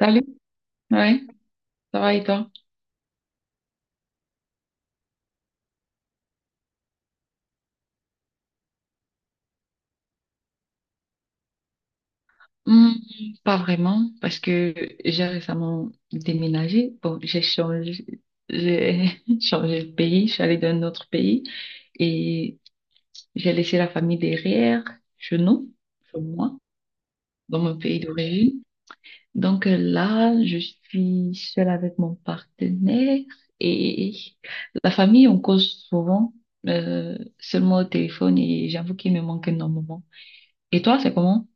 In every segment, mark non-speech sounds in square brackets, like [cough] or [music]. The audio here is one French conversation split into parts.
Salut, oui, ça va et toi? Hmm, pas vraiment, parce que j'ai récemment déménagé. Bon, j'ai [laughs] changé de pays, je suis allée dans un autre pays et j'ai laissé la famille derrière, chez nous, chez moi, dans mon pays d'origine. Donc là, je suis seule avec mon partenaire et la famille, on cause souvent, seulement au téléphone et j'avoue qu'il me manque énormément. Et toi, c'est comment?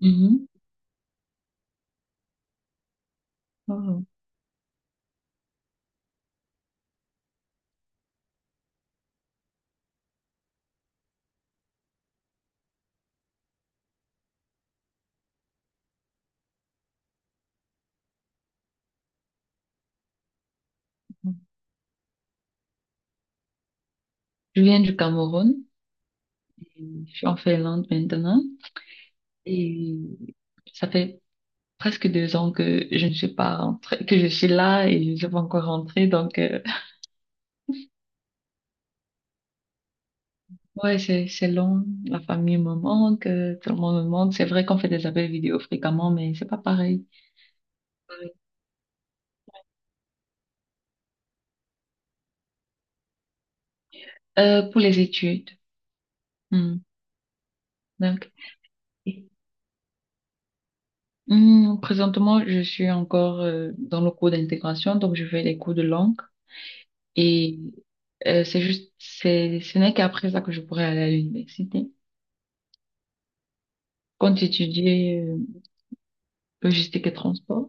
Mhm. Oh. Je viens du Cameroun et je suis en Finlande maintenant. Et ça fait presque 2 ans que je ne suis pas rentrée, que je suis là et je ne suis pas encore rentrée. Donc, ouais, c'est long. La famille me manque, tout le monde me manque. C'est vrai qu'on fait des appels vidéo fréquemment, mais c'est pas pareil. Pour les études. Hmm. Donc, présentement, je suis encore dans le cours d'intégration, donc je fais les cours de langue. Et c'est juste, ce n'est qu'après ça que je pourrais aller à l'université. Quand j'étudiais logistique et transport,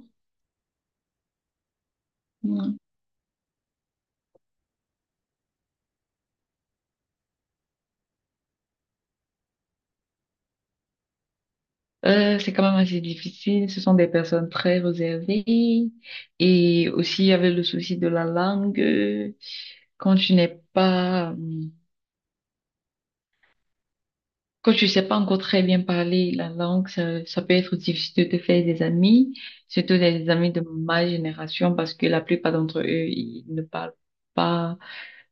ouais. C'est quand même assez difficile. Ce sont des personnes très réservées. Et aussi, il y avait le souci de la langue. Quand tu n'es pas, euh, Quand tu sais pas encore très bien parler la langue, ça peut être difficile de te faire des amis, surtout des amis de ma génération, parce que la plupart d'entre eux, ils ne parlent pas.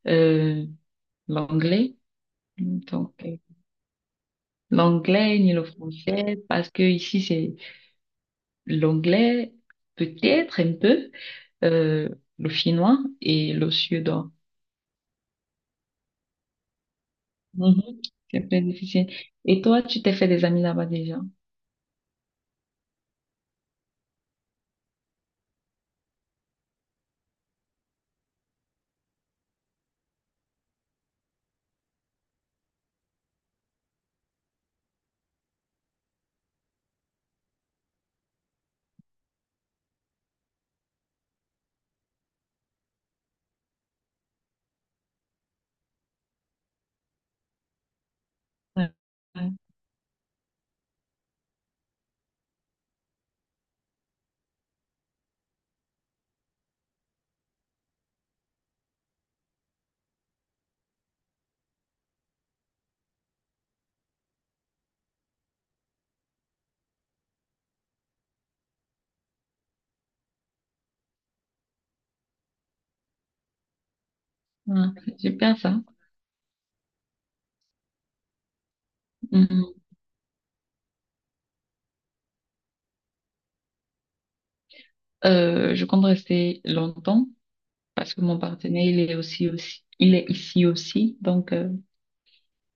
Euh, l'anglais. Donc, l'anglais ni le français, parce que ici, c'est l'anglais, peut-être un peu, euh, le finnois et le suédois. Mhm. C'est très difficile. Et toi, tu t'es fait des amis là-bas déjà? Ouais. Ouais. Super ça. Mhm. Je compte rester longtemps parce que mon partenaire, il est il est ici aussi. Donc,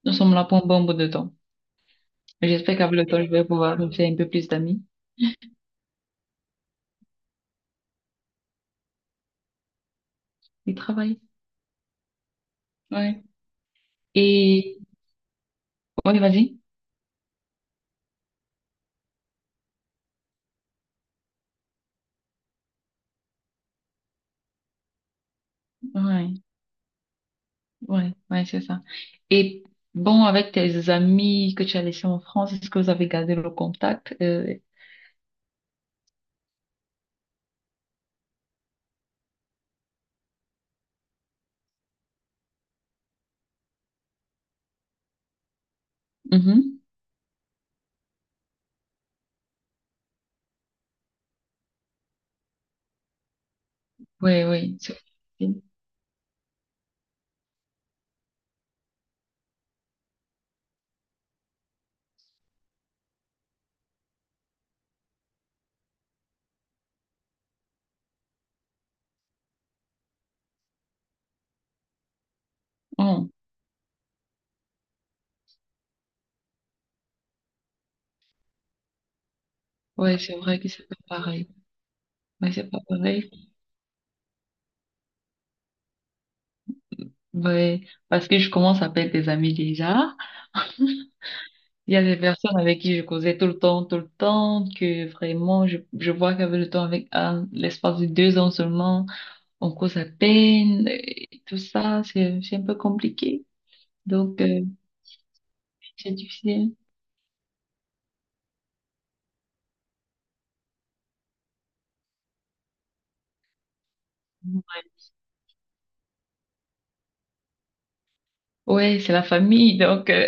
nous sommes là pour un bon bout de temps. J'espère qu'avec le temps, je vais pouvoir me faire un peu plus d'amis et travailler. Ouais. Et ouais, vas-y. Ouais, ouais, ouais, c'est ça. Et bon, avec tes amis que tu as laissés en France, est-ce que vous avez gardé le contact? Mhm. Ouais, ouais, c'est... Oh, ouais, c'est vrai que c'est pas pareil. Ouais, c'est pas pareil. Ouais, parce que je commence à perdre des amis déjà. Il y a des personnes avec qui je causais tout le temps, que vraiment, je vois qu'avec le temps, avec l'espace de 2 ans seulement, on cause à peine, et tout ça, c'est un peu compliqué. Donc, c'est difficile. Ouais, c'est la famille, donc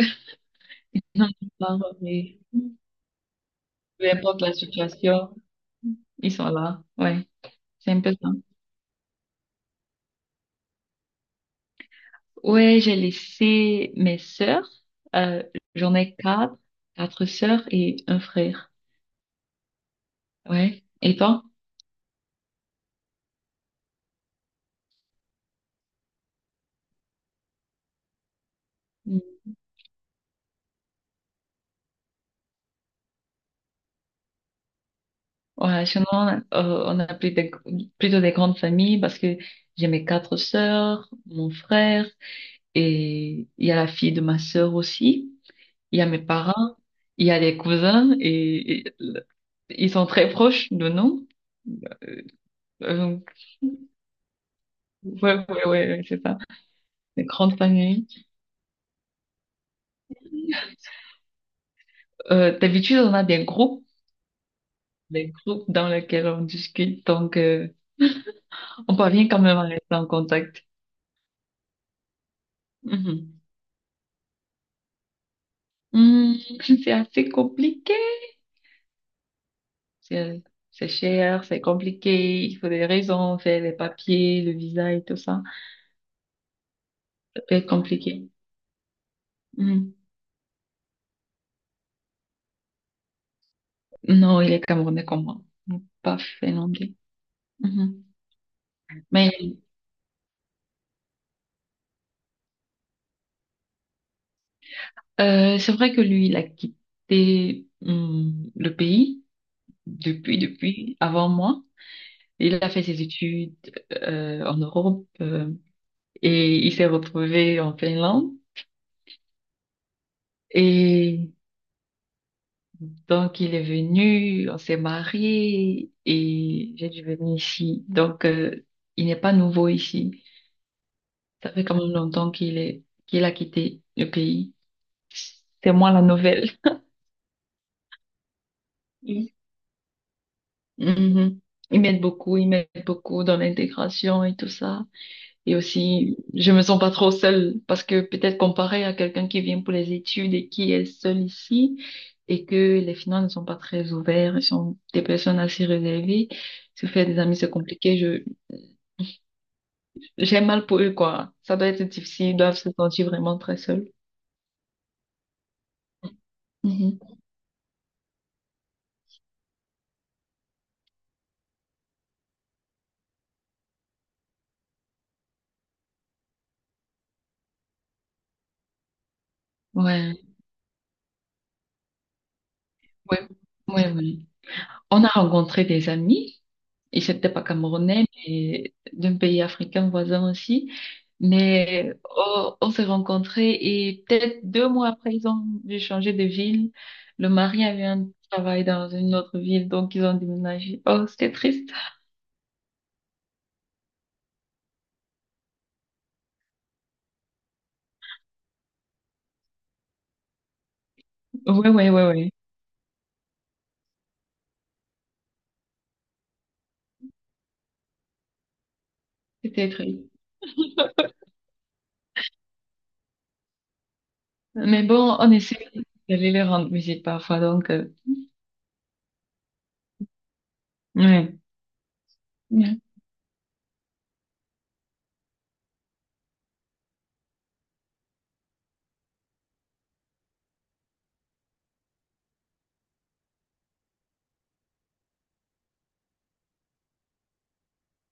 [laughs] non, mais peu importe la situation, ils sont là. Ouais, c'est un peu ça. Ouais, j'ai laissé mes sœurs. Euh, j'en ai quatre sœurs et un frère. Ouais. Et toi? Mm. Ouais, sinon, on a plus plutôt des grandes familles parce que j'ai mes quatre sœurs, mon frère et il y a la fille de ma sœur aussi. Il y a mes parents, il y a les cousins et ils sont très proches de nous. Euh, euh, donc, ouais, ouais, ouais, ouais, c'est ça. Une grande famille. D'habitude, on a des groupes dans lesquels on discute. Donc, on parvient quand même à rester en contact. Mhm. Hmm, [laughs] c'est assez compliqué. C'est, c'est cher, c'est compliqué. Il faut des raisons, faire les papiers, le visa et tout ça. Ça peut être compliqué. Hmm. Non, il est camerounais comme moi, pas finlandais. Mhm. Mais c'est vrai que lui, il a quitté le pays depuis, avant moi. Il a fait ses études en Europe et il s'est retrouvé en Finlande. Et donc, il est venu, on s'est marié et j'ai dû venir ici. Donc, il n'est pas nouveau ici. Ça fait quand même longtemps qu'il est, qu'il a quitté le pays. C'est moi la nouvelle. Mhm. Mhm. Ils m'aident beaucoup dans l'intégration et tout ça. Et aussi, je me sens pas trop seule parce que peut-être comparé à quelqu'un qui vient pour les études et qui est seul ici et que les finances ne sont pas très ouvertes, ils sont des personnes assez réservées. Se faire des amis, c'est compliqué. J'ai mal pour eux, quoi. Ça doit être difficile. Ils doivent se sentir vraiment très seuls. Mhm. Ouais, ouais, ouais, ouais. On a rencontré des amis. Et c'était pas camerounais, mais d'un pays africain voisin aussi. Mais on s'est rencontrés et peut-être 2 mois après, ils ont dû changer de ville. Le mari avait un travail dans une autre ville, donc ils ont déménagé. Oh, c'était triste. Ouais, ouais, ouais, ouais. C'était triste. Mais bon, on essaie d'aller les rendre visite parfois, donc, ouais. Ouais,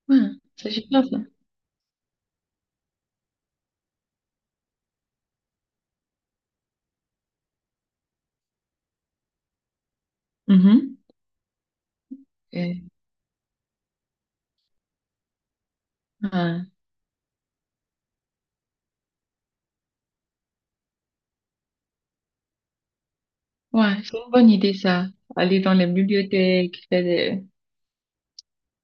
ouais, c'est super ça. Mhm. Et... ouais, ouais, c'est une bonne idée ça. Aller dans les bibliothèques, faire des,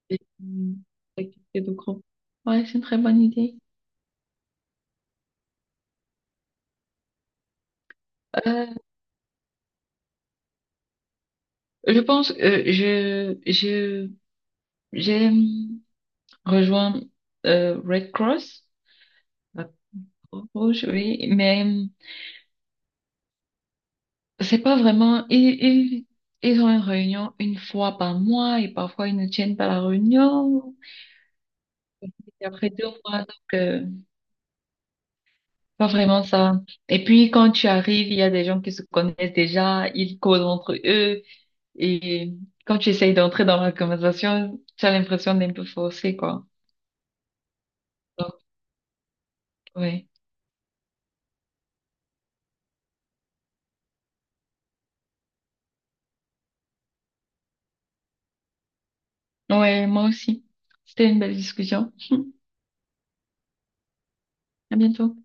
et une activité de groupe. Ouais, c'est une très bonne idée. Euh, je pense je j'ai rejoint Red Cross, la Croix Rouge, oui, mais c'est pas vraiment. Ils ont une réunion une fois par mois et parfois ils ne tiennent pas la réunion. Et après 2 mois, donc euh, pas vraiment ça. Et puis quand tu arrives, il y a des gens qui se connaissent déjà, ils causent entre eux. Et quand tu essayes d'entrer dans la conversation, tu as l'impression d'un peu forcé, quoi. Donc, ouais. Ouais, moi aussi. C'était une belle discussion. À bientôt.